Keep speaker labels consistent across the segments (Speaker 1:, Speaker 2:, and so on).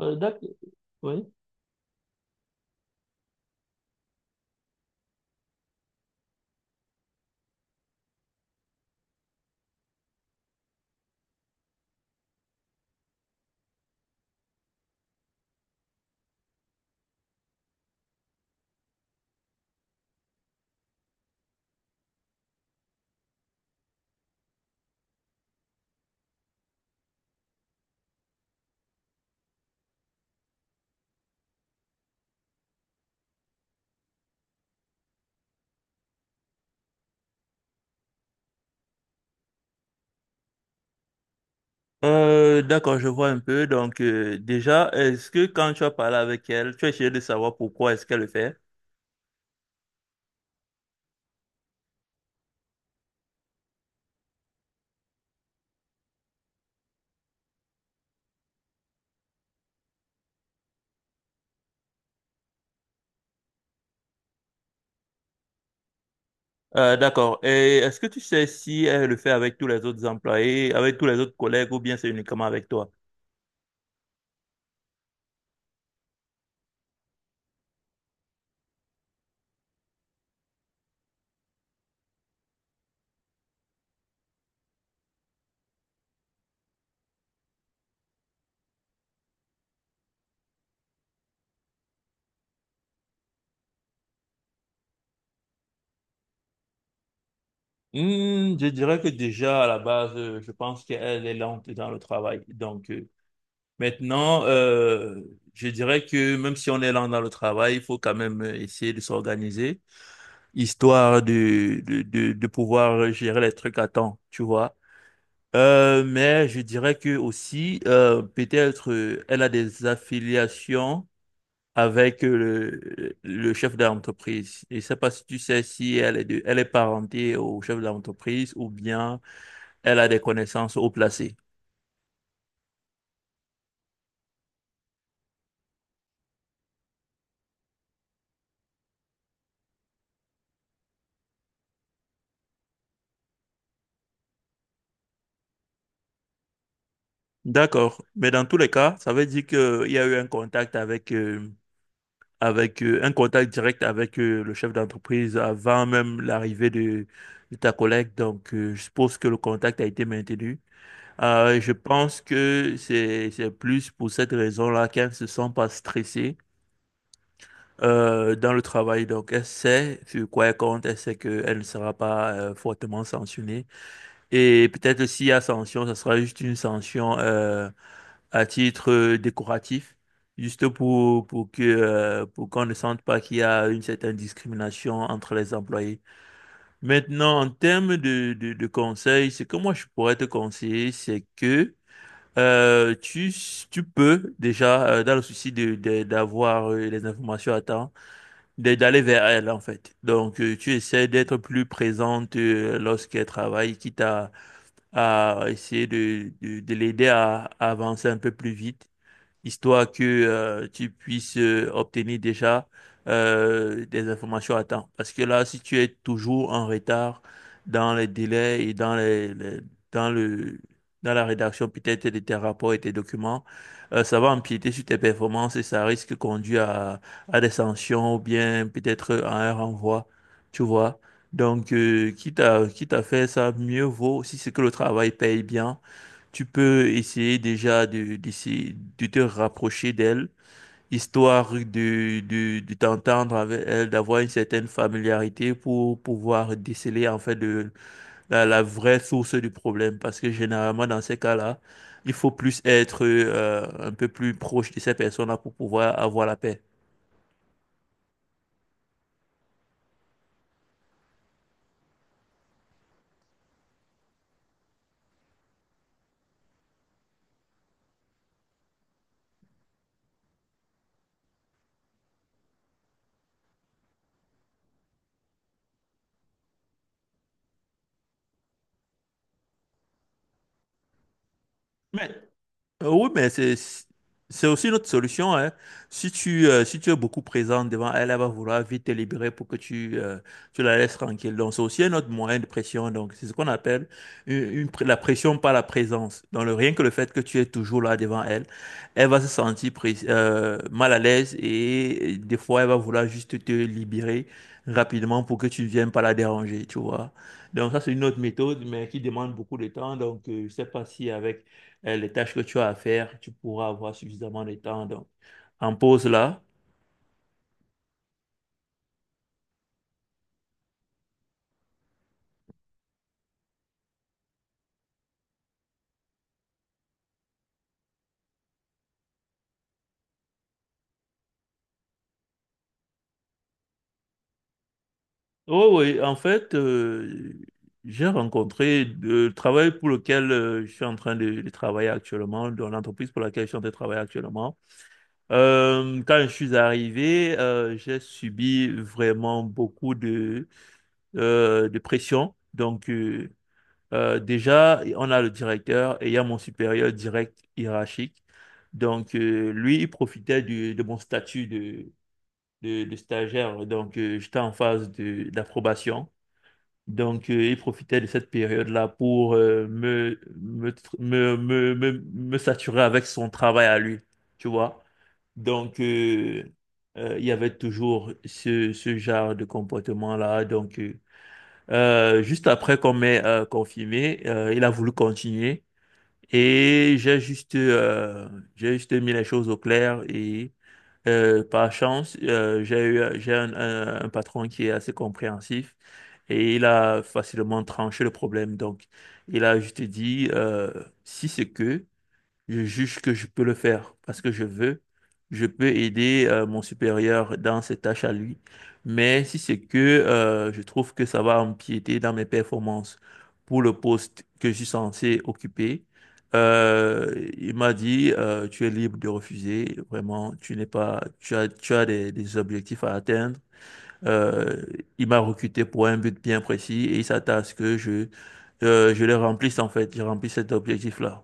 Speaker 1: D'accord. Oui. D'accord, je vois un peu. Donc, déjà, est-ce que quand tu as parlé avec elle, tu as essayé de savoir pourquoi est-ce qu'elle le fait? D'accord. Et est-ce que tu sais si elle le fait avec tous les autres employés, avec tous les autres collègues, ou bien c'est uniquement avec toi? Hmm, je dirais que déjà, à la base, je pense qu'elle est lente dans le travail. Donc, maintenant, euh, je dirais que même si on est lent dans le travail, il faut quand même essayer de s'organiser, histoire de pouvoir gérer les trucs à temps, tu vois. Mais je dirais que aussi, peut-être, elle a des affiliations avec le chef d'entreprise. Et je sais pas si tu sais si elle est, elle est parentée au chef d'entreprise ou bien elle a des connaissances haut placées. D'accord. Mais dans tous les cas, ça veut dire qu'il y a eu un contact avec un contact direct avec le chef d'entreprise avant même l'arrivée de ta collègue. Donc, je suppose que le contact a été maintenu. Je pense que c'est plus pour cette raison-là qu'elle ne se sent pas stressée dans le travail. Donc, elle sait sur quoi elle compte, elle sait qu'elle ne sera pas fortement sanctionnée. Et peut-être s'il y a sanction, ce sera juste une sanction à titre décoratif, juste pour que pour qu'on ne sente pas qu'il y a une certaine discrimination entre les employés. Maintenant, en termes de conseils, ce que moi je pourrais te conseiller, c'est que euh, tu, tu peux déjà, dans le souci de d'avoir les informations à temps, d'aller vers elle en fait. Donc, tu essaies d'être plus présente lorsqu'elle travaille, quitte à essayer de l'aider à avancer un peu plus vite, histoire que tu puisses obtenir déjà des informations à temps. Parce que là, si tu es toujours en retard dans les délais et dans dans le dans la rédaction peut-être de tes rapports et tes documents, ça va empiéter sur tes performances et ça risque de conduire à des sanctions ou bien peut-être à un renvoi, tu vois. Donc, quitte à faire ça, mieux vaut, si c'est que le travail paye bien, tu peux essayer déjà d'essayer de te rapprocher d'elle, histoire de t'entendre avec elle, d'avoir une certaine familiarité pour pouvoir déceler en fait la vraie source du problème. Parce que généralement, dans ces cas-là, il faut plus être un peu plus proche de ces personnes-là pour pouvoir avoir la paix. Mais oui, mais c'est aussi une autre solution, hein. Si si tu es beaucoup présent devant elle, elle va vouloir vite te libérer pour que tu la laisses tranquille. Donc, c'est aussi un autre moyen de pression. Donc, c'est ce qu'on appelle la pression par la présence. Donc, rien que le fait que tu es toujours là devant elle, elle va se sentir mal à l'aise et des fois, elle va vouloir juste te libérer rapidement pour que tu ne viennes pas la déranger, tu vois. Donc, ça, c'est une autre méthode, mais qui demande beaucoup de temps. Donc, je sais pas si avec les tâches que tu as à faire, tu pourras avoir suffisamment de temps donc, en pause là. Oh oui, en fait, j'ai rencontré le travail pour lequel je suis en train de travailler actuellement, dans l'entreprise pour laquelle je suis en train de travailler actuellement. Quand je suis arrivé, j'ai subi vraiment beaucoup de pression. Donc, déjà, on a le directeur et il y a mon supérieur direct hiérarchique. Donc, lui, il profitait de mon statut de, de stagiaire. Donc, j'étais en phase de, d'approbation. Donc, il profitait de cette période-là pour me, me, tr- me saturer avec son travail à lui, tu vois. Donc, il y avait toujours ce genre de comportement-là. Donc, juste après qu'on m'ait confirmé, il a voulu continuer. Et j'ai juste mis les choses au clair et par chance, j'ai un patron qui est assez compréhensif et il a facilement tranché le problème. Donc, il a juste dit, si c'est que... Je juge que je peux le faire parce que je veux. Je peux aider mon supérieur dans ses tâches à lui. Mais si c'est que je trouve que ça va empiéter dans mes performances pour le poste que je suis censé occuper, il m'a dit tu es libre de refuser. Vraiment, tu n'es pas, tu as des objectifs à atteindre. Euh, il m'a recruté pour un but bien précis et il s'attend à ce que je le remplisse en fait. Je remplisse cet objectif-là.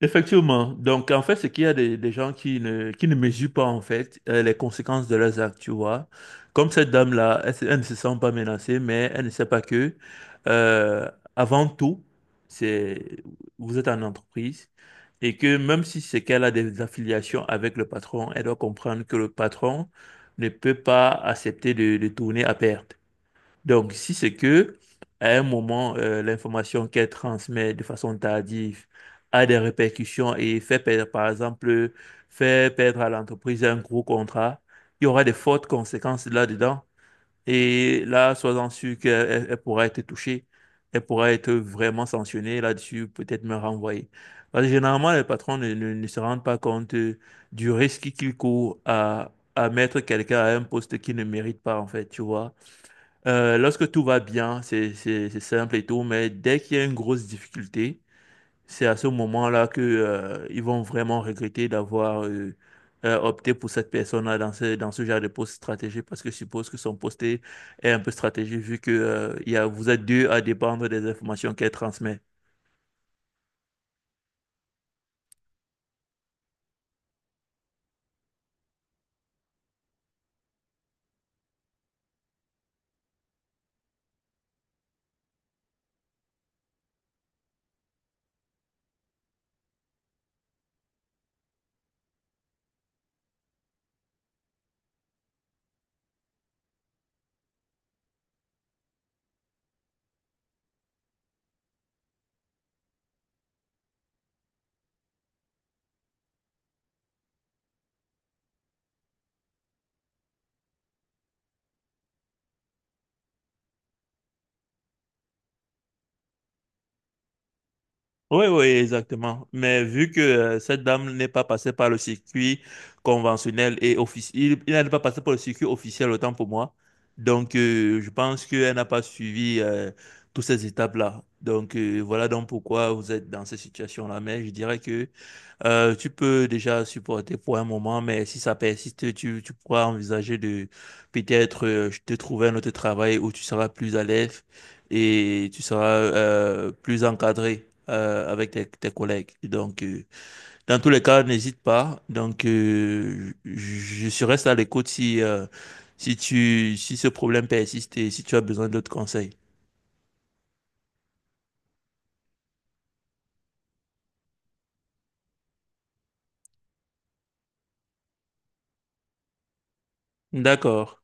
Speaker 1: Effectivement. Donc, en fait, c'est qu'il y a des gens qui ne mesurent pas, en fait, les conséquences de leurs actes, tu vois. Comme cette dame-là, elle ne se sent pas menacée, mais elle ne sait pas que, euh, avant tout, c'est, vous êtes en entreprise et que même si c'est qu'elle a des affiliations avec le patron, elle doit comprendre que le patron ne peut pas accepter de tourner à perte. Donc, si c'est que à un moment, l'information qu'elle transmet de façon tardive a des répercussions et fait perdre, par exemple, fait perdre à l'entreprise un gros contrat, il y aura des fortes conséquences là-dedans. Et là, sois-en sûr elle pourra être touchée. Elle pourra être vraiment sanctionnée là-dessus, peut-être me renvoyer. Parce que généralement, les patrons ne se rendent pas compte du risque qu'ils courent à mettre quelqu'un à un poste qu'il ne mérite pas, en fait, tu vois. Lorsque tout va bien, c'est simple et tout, mais dès qu'il y a une grosse difficulté, c'est à ce moment-là que ils vont vraiment regretter d'avoir opté pour cette personne-là dans dans ce genre de poste stratégique, parce que je suppose que son poste est un peu stratégique, vu que vous êtes deux à dépendre des informations qu'elle transmet. Oui, oui, exactement. Mais vu que cette dame n'est pas passée par le circuit conventionnel et officiel, n'est pas passée par le circuit officiel, autant pour moi. Donc, je pense qu'elle n'a pas suivi toutes ces étapes-là. Donc, voilà donc pourquoi vous êtes dans cette situation-là. Mais je dirais que tu peux déjà supporter pour un moment, mais si ça persiste, tu pourras envisager de peut-être te trouver un autre travail où tu seras plus à l'aise et tu seras plus encadré avec tes collègues. Donc, dans tous les cas, n'hésite pas. Donc, je reste à l'écoute si, si ce problème persiste et si tu as besoin d'autres conseils. D'accord.